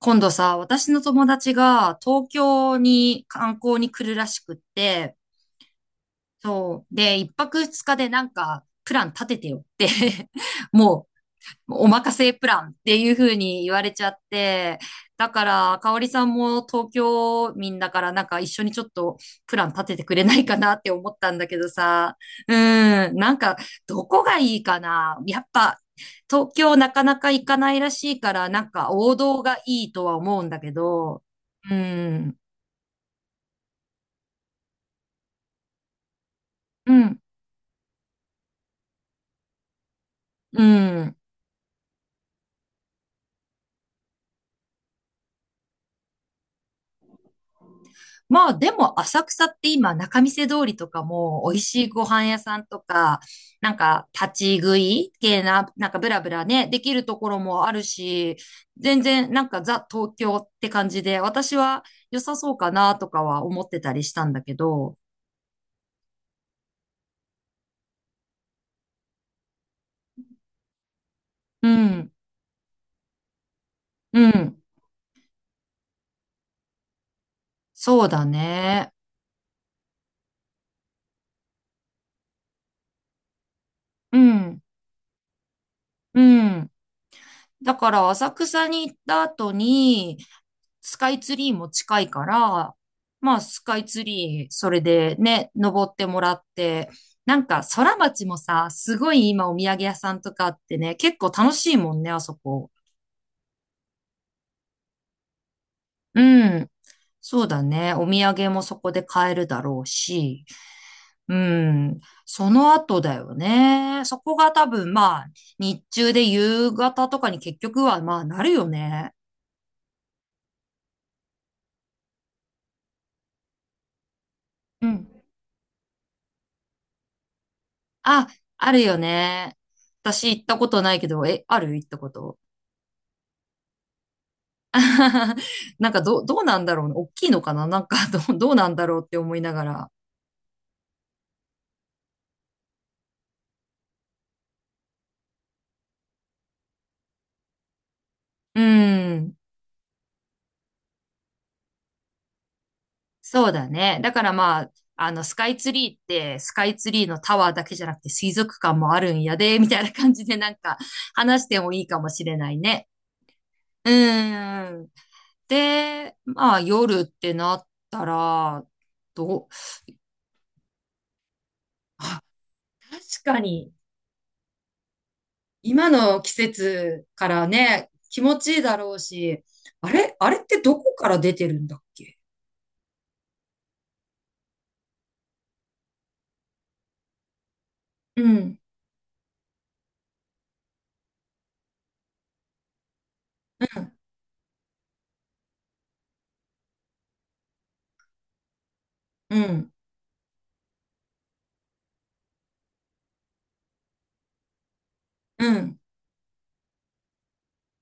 今度さ、私の友達が東京に観光に来るらしくって、そう。で、一泊二日でなんかプラン立ててよって もお任せプランっていう風に言われちゃって、だから、かおりさんも東京民だからなんか一緒にちょっとプラン立ててくれないかなって思ったんだけどさ、うん、なんかどこがいいかな。やっぱ東京なかなか行かないらしいから、なんか王道がいいとは思うんだけど、うん、うん、うん。まあでも浅草って今仲見世通りとかも美味しいご飯屋さんとか、なんか立ち食い系な、なんかブラブラね、できるところもあるし、全然なんかザ東京って感じで、私は良さそうかなとかは思ってたりしたんだけど、うん、うん、そうだね。うん、うん。だから浅草に行った後に、スカイツリーも近いから、まあスカイツリー、それでね、登ってもらって、なんか空町もさ、すごい今お土産屋さんとかあってね、結構楽しいもんね、あそこ。うん。そうだね。お土産もそこで買えるだろうし。うん。その後だよね。そこが多分まあ、日中で夕方とかに結局はまあなるよね。うん。あ、あるよね。私行ったことないけど、え、ある行ったこと。なんかどうなんだろうね。大きいのかななんか どうなんだろうって思いながら。うん。そうだね。だからまあ、スカイツリーって、スカイツリーのタワーだけじゃなくて水族館もあるんやで、みたいな感じでなんか話してもいいかもしれないね。うん。で、まあ夜ってなったら、どう、あ、確かに。今の季節からね、気持ちいいだろうし、あれあれってどこから出てるんだっけ。うん、うん、うん、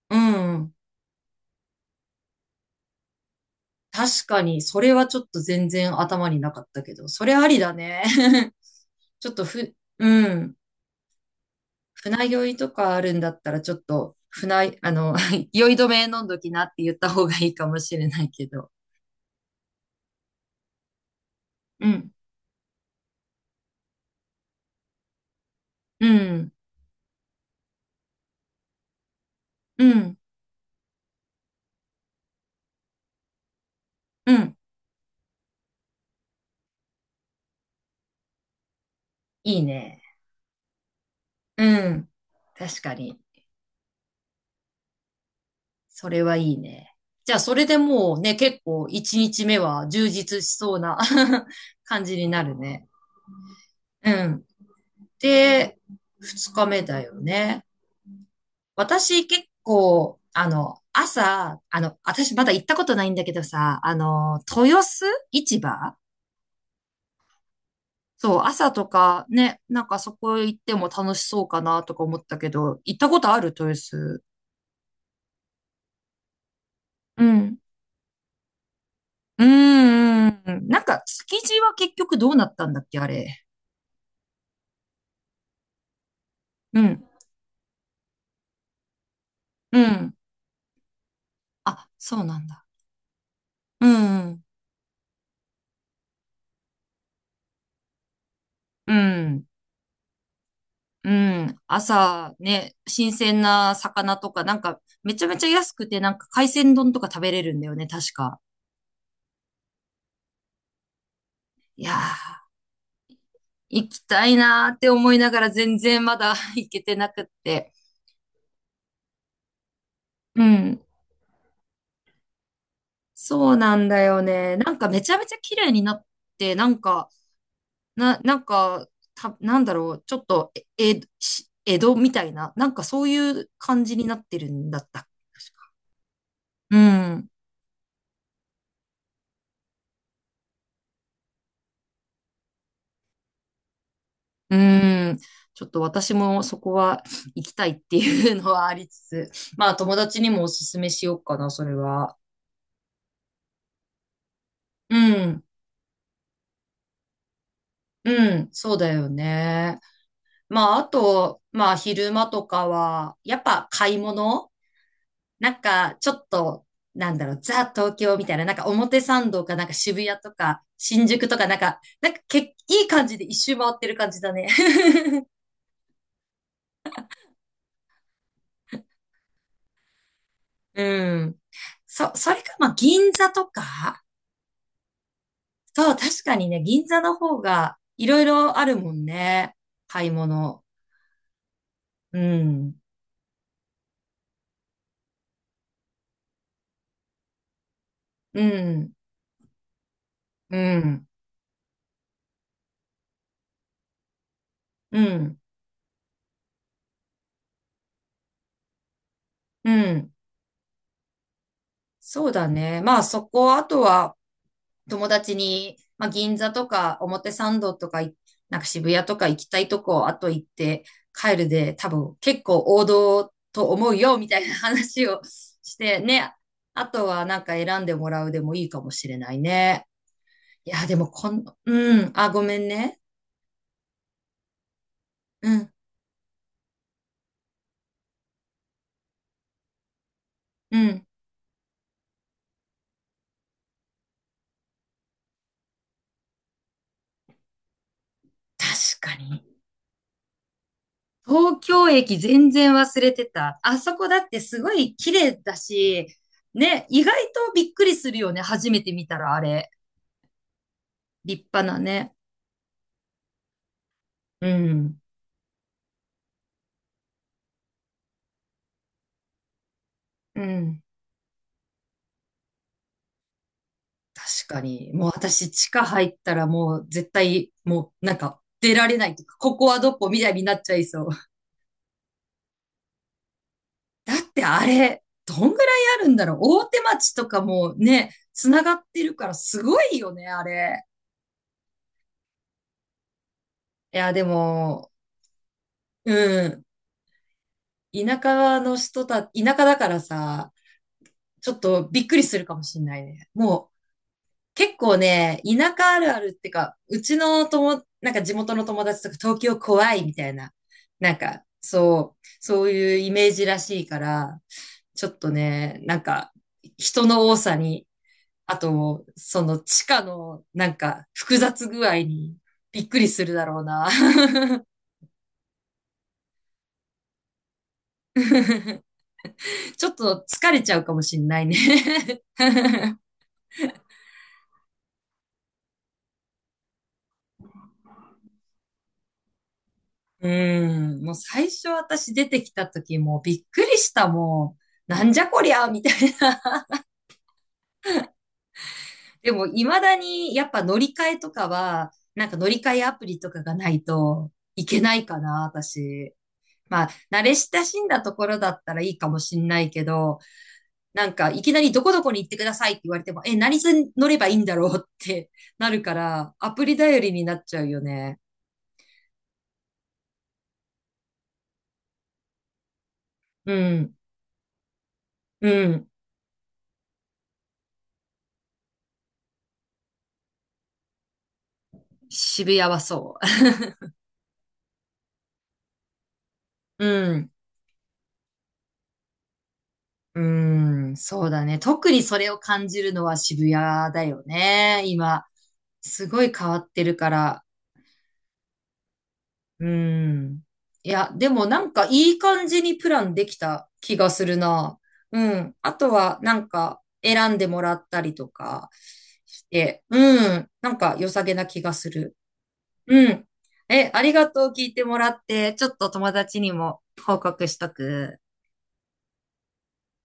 うん。確かに、それはちょっと全然頭になかったけど、それありだね。ちょっとふ、うん。船酔いとかあるんだったら、ちょっと、船、酔い止め飲んどきなって言った方がいいかもしれないけど。うん、うん、うん、うん。いいね。うん。確かに。それはいいね。じゃあ、それでもうね、結構1日目は充実しそうな 感じになるね。うん。で、2日目だよね。私結構、朝、私まだ行ったことないんだけどさ、豊洲市場。そう、朝とかね、なんかそこ行っても楽しそうかなとか思ったけど、行ったことある豊洲。うん。うーん。なんか、築地は結局どうなったんだっけ、あれ。うんうん。あ、そうなんだ。うん。うん。うん。朝ね、新鮮な魚とか、なんか、めちゃめちゃ安くて、なんか海鮮丼とか食べれるんだよね、確か。いやー、行きたいなーって思いながら全然まだ 行けてなくって。うん。そうなんだよね。なんかめちゃめちゃ綺麗になって、なんか、なんか、なんだろう、ちょっと、え、えし江戸みたいな、なんかそういう感じになってるんだった。確か。うん。うーん。ちょっと私もそこは行きたいっていうのはありつつ、まあ友達にもおすすめしようかな、それは。うん。うん。そうだよね。まああと、まあ昼間とかは、やっぱ買い物なんかちょっと、なんだろう、ザ東京みたいな、なんか表参道かなんか渋谷とか新宿とかなんか、なんかけ、いい感じで一周回ってる感じだね。うん。それか、まあ銀座とか。そう、確かにね、銀座の方がいろいろあるもんね。買い物。うん、うん、うん、うん、うん。そうだね。まあそこ、あとは友達に、まあ銀座とか表参道とか、なんか渋谷とか行きたいとこ、あと行って帰るで、多分結構王道と思うよ、みたいな話をしてね。あとはなんか選んでもらうでもいいかもしれないね。いや、でもこん、うん、あ、ごめんね。うんうん。確かに。東京駅全然忘れてた。あそこだってすごい綺麗だし、ね、意外とびっくりするよね。初めて見たらあれ。立派なね。うん。うん。確かに。もう私、地下入ったらもう絶対、もうなんか出られないとか、ここはどこみたいになっちゃいそう。だってあれ、どんぐらいあるんだろう。大手町とかもね、つながってるからすごいよね、あれ。いや、でも、うん。田舎の人た、田舎だからさ、ちょっとびっくりするかもしんないね。もう結構ね、田舎あるあるってか、うちの友、なんか地元の友達とか東京怖いみたいな、なんかそういうイメージらしいから、ちょっとね、なんか人の多さに、あと、その地下のなんか複雑具合にびっくりするだろうな。ちょっと疲れちゃうかもしんないね。うーん、もう最初私出てきた時もうびっくりした、もう、なんじゃこりゃ、みたいな。でも未だにやっぱ乗り換えとかは、なんか乗り換えアプリとかがないといけないかな、私。まあ、慣れ親しんだところだったらいいかもしんないけど、なんかいきなりどこどこに行ってくださいって言われても、え、何に乗ればいいんだろうってなるから、アプリ頼りになっちゃうよね。うん、うん、渋谷はそう。うん。うーん、そうだね。特にそれを感じるのは渋谷だよね。今、すごい変わってるから。うーん。いや、でもなんかいい感じにプランできた気がするな。うん。あとはなんか選んでもらったりとかして、うん。なんか良さげな気がする。うん。え、ありがとう聞いてもらって、ちょっと友達にも報告しとく。